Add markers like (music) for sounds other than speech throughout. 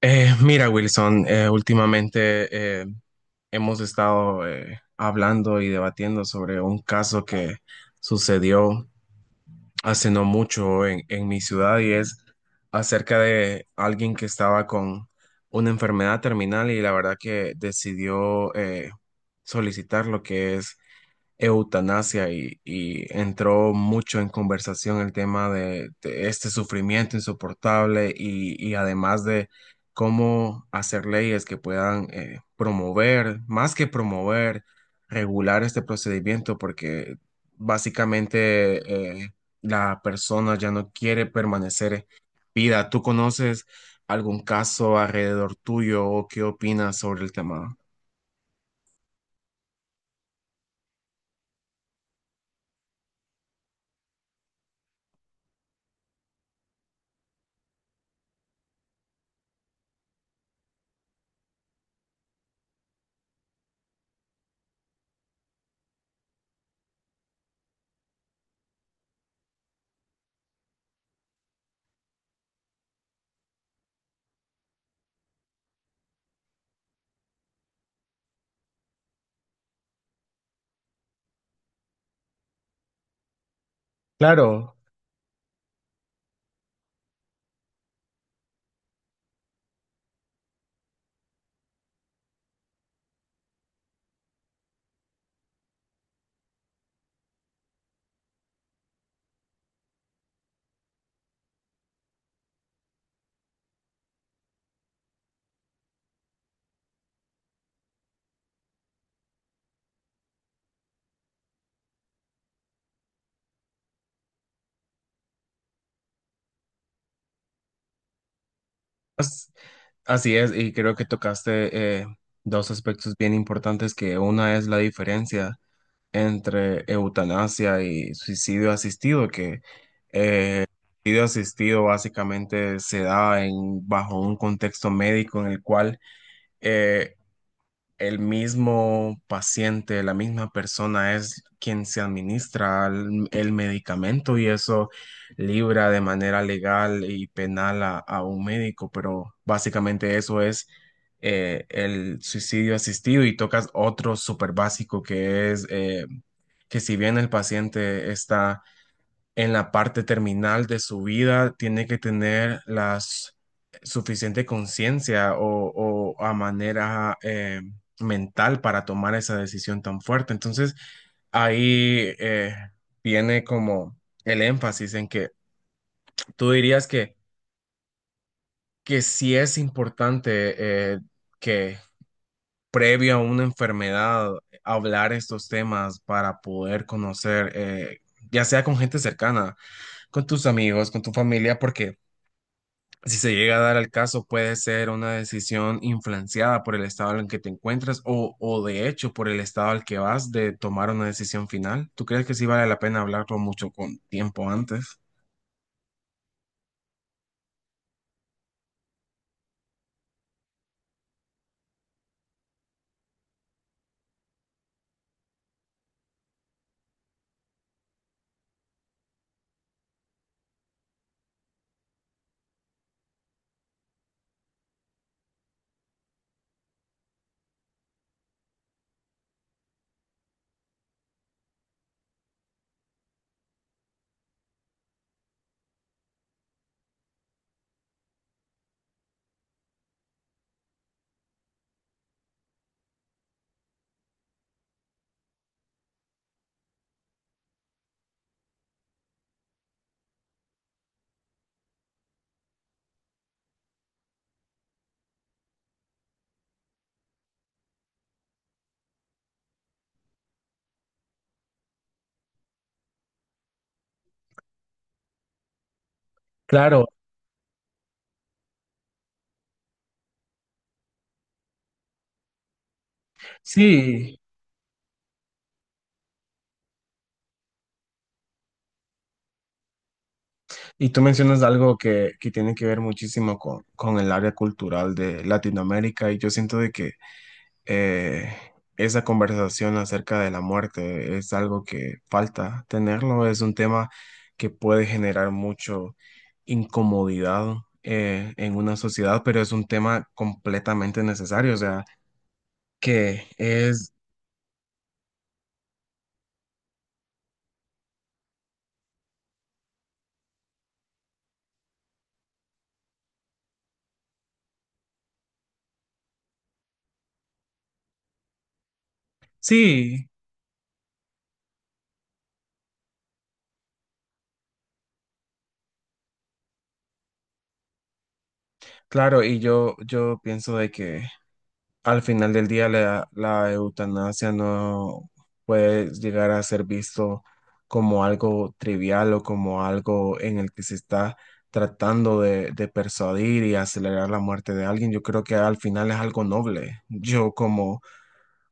Mira, Wilson, últimamente hemos estado hablando y debatiendo sobre un caso que sucedió hace no mucho en mi ciudad y es acerca de alguien que estaba con una enfermedad terminal y la verdad que decidió solicitar lo que es eutanasia y entró mucho en conversación el tema de este sufrimiento insoportable y además de cómo hacer leyes que puedan promover, más que promover, regular este procedimiento porque básicamente la persona ya no quiere permanecer vida. ¿Tú conoces algún caso alrededor tuyo o qué opinas sobre el tema? Claro. As- Así es, y creo que tocaste dos aspectos bien importantes, que una es la diferencia entre eutanasia y suicidio asistido, que suicidio asistido básicamente se da en, bajo un contexto médico en el cual eh, el mismo paciente, la misma persona es quien se administra el medicamento y eso libra de manera legal y penal a un médico, pero básicamente eso es el suicidio asistido y tocas otro súper básico que es que si bien el paciente está en la parte terminal de su vida tiene que tener suficiente conciencia o a manera mental para tomar esa decisión tan fuerte. Entonces, ahí viene como el énfasis en que tú dirías que sí es importante que previo a una enfermedad hablar estos temas para poder conocer, ya sea con gente cercana, con tus amigos, con tu familia, porque si se llega a dar al caso, puede ser una decisión influenciada por el estado en que te encuentras o de hecho por el estado al que vas de tomar una decisión final. ¿Tú crees que sí vale la pena hablarlo mucho con tiempo antes? Claro, sí. Y tú mencionas algo que tiene que ver muchísimo con el área cultural de Latinoamérica y yo siento de que eh, esa conversación acerca de la muerte es algo que falta tenerlo, es un tema que puede generar mucho incomodidad, en una sociedad, pero es un tema completamente necesario, o sea, que es, sí, claro, yo pienso de que al final del día, la eutanasia no puede llegar a ser visto como algo trivial o como algo en el que se está tratando de persuadir y acelerar la muerte de alguien. Yo creo que al final es algo noble. Yo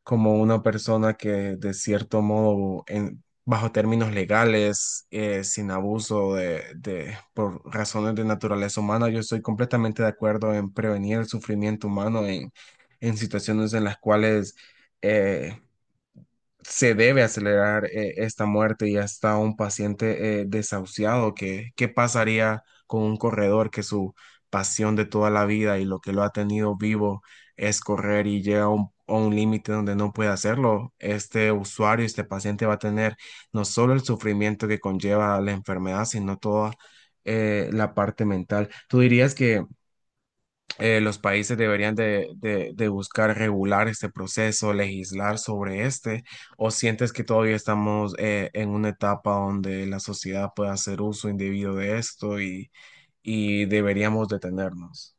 como una persona que de cierto modo, en, bajo términos legales, sin abuso por razones de naturaleza humana, yo estoy completamente de acuerdo en prevenir el sufrimiento humano en situaciones en las cuales eh, se debe acelerar esta muerte y hasta un paciente desahuciado, que, ¿qué pasaría con un corredor que su pasión de toda la vida y lo que lo ha tenido vivo es correr y llega a un límite donde no puede hacerlo? Este usuario, este paciente va a tener no solo el sufrimiento que conlleva la enfermedad, sino toda la parte mental. ¿Tú dirías que los países deberían de buscar regular este proceso, legislar sobre este, o sientes que todavía estamos en una etapa donde la sociedad puede hacer uso indebido de esto y deberíamos detenernos?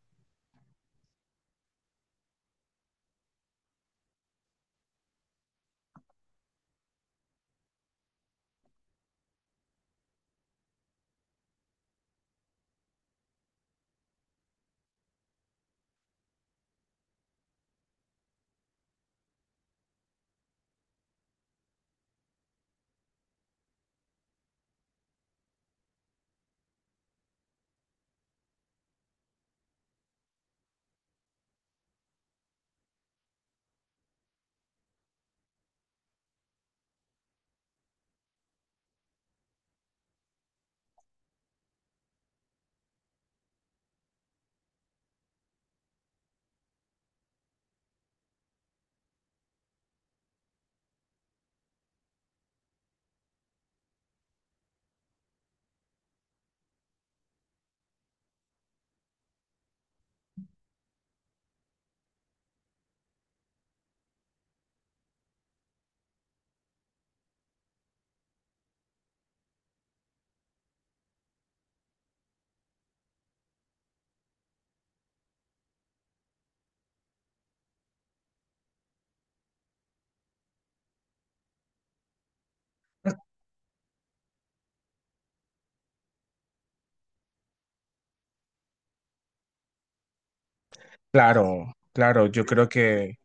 Claro, claro, yo creo que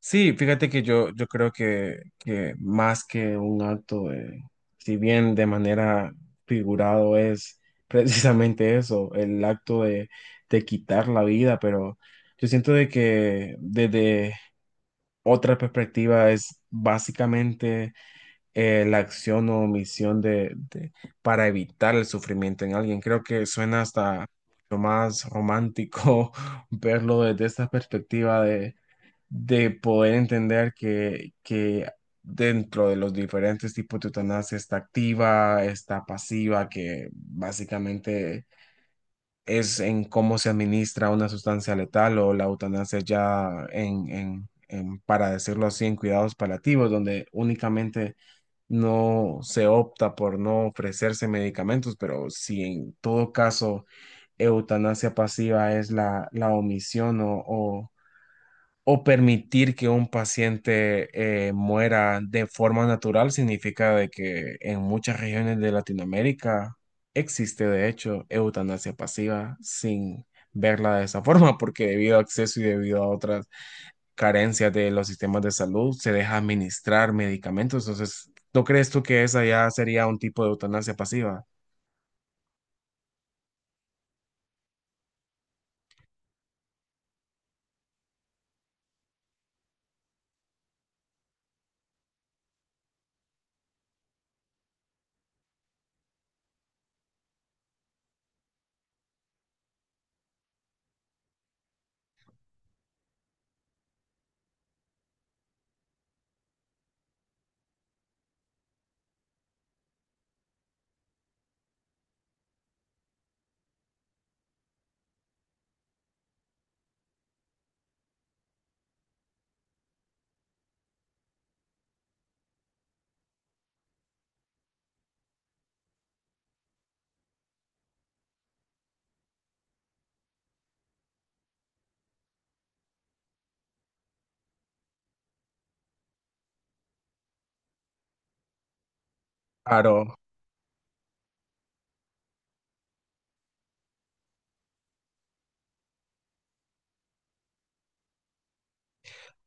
sí. Fíjate que yo creo que más que un acto de, si bien de manera figurado es (laughs) precisamente eso, el acto de quitar la vida, pero yo siento de que desde otra perspectiva es básicamente la acción o omisión para evitar el sufrimiento en alguien. Creo que suena hasta lo más romántico (laughs) verlo desde esta perspectiva de poder entender que dentro de los diferentes tipos de eutanasia está activa, está pasiva, que básicamente es en cómo se administra una sustancia letal o la eutanasia ya en, para decirlo así, en cuidados paliativos, donde únicamente no se opta por no ofrecerse medicamentos, pero si en todo caso eutanasia pasiva es la omisión o permitir que un paciente muera de forma natural significa de que en muchas regiones de Latinoamérica existe de hecho eutanasia pasiva sin verla de esa forma, porque debido a acceso y debido a otras carencias de los sistemas de salud se deja administrar medicamentos. Entonces, ¿no crees tú que esa ya sería un tipo de eutanasia pasiva? Claro.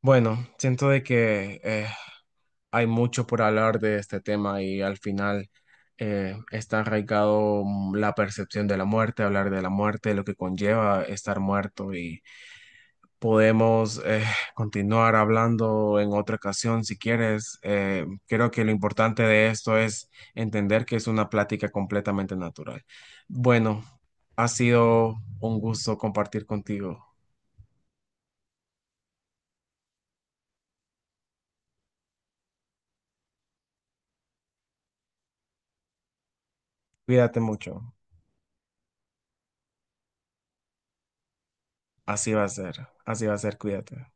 Bueno, siento de que hay mucho por hablar de este tema y al final está arraigado, la percepción de la muerte, hablar de la muerte, lo que conlleva estar muerto y podemos (laughs) continuar hablando en otra ocasión si quieres. Creo que lo importante de esto es entender que es una plática completamente natural. Bueno, ha sido un gusto compartir contigo. Cuídate mucho. Así va a ser. Así va a ser. Cuídate.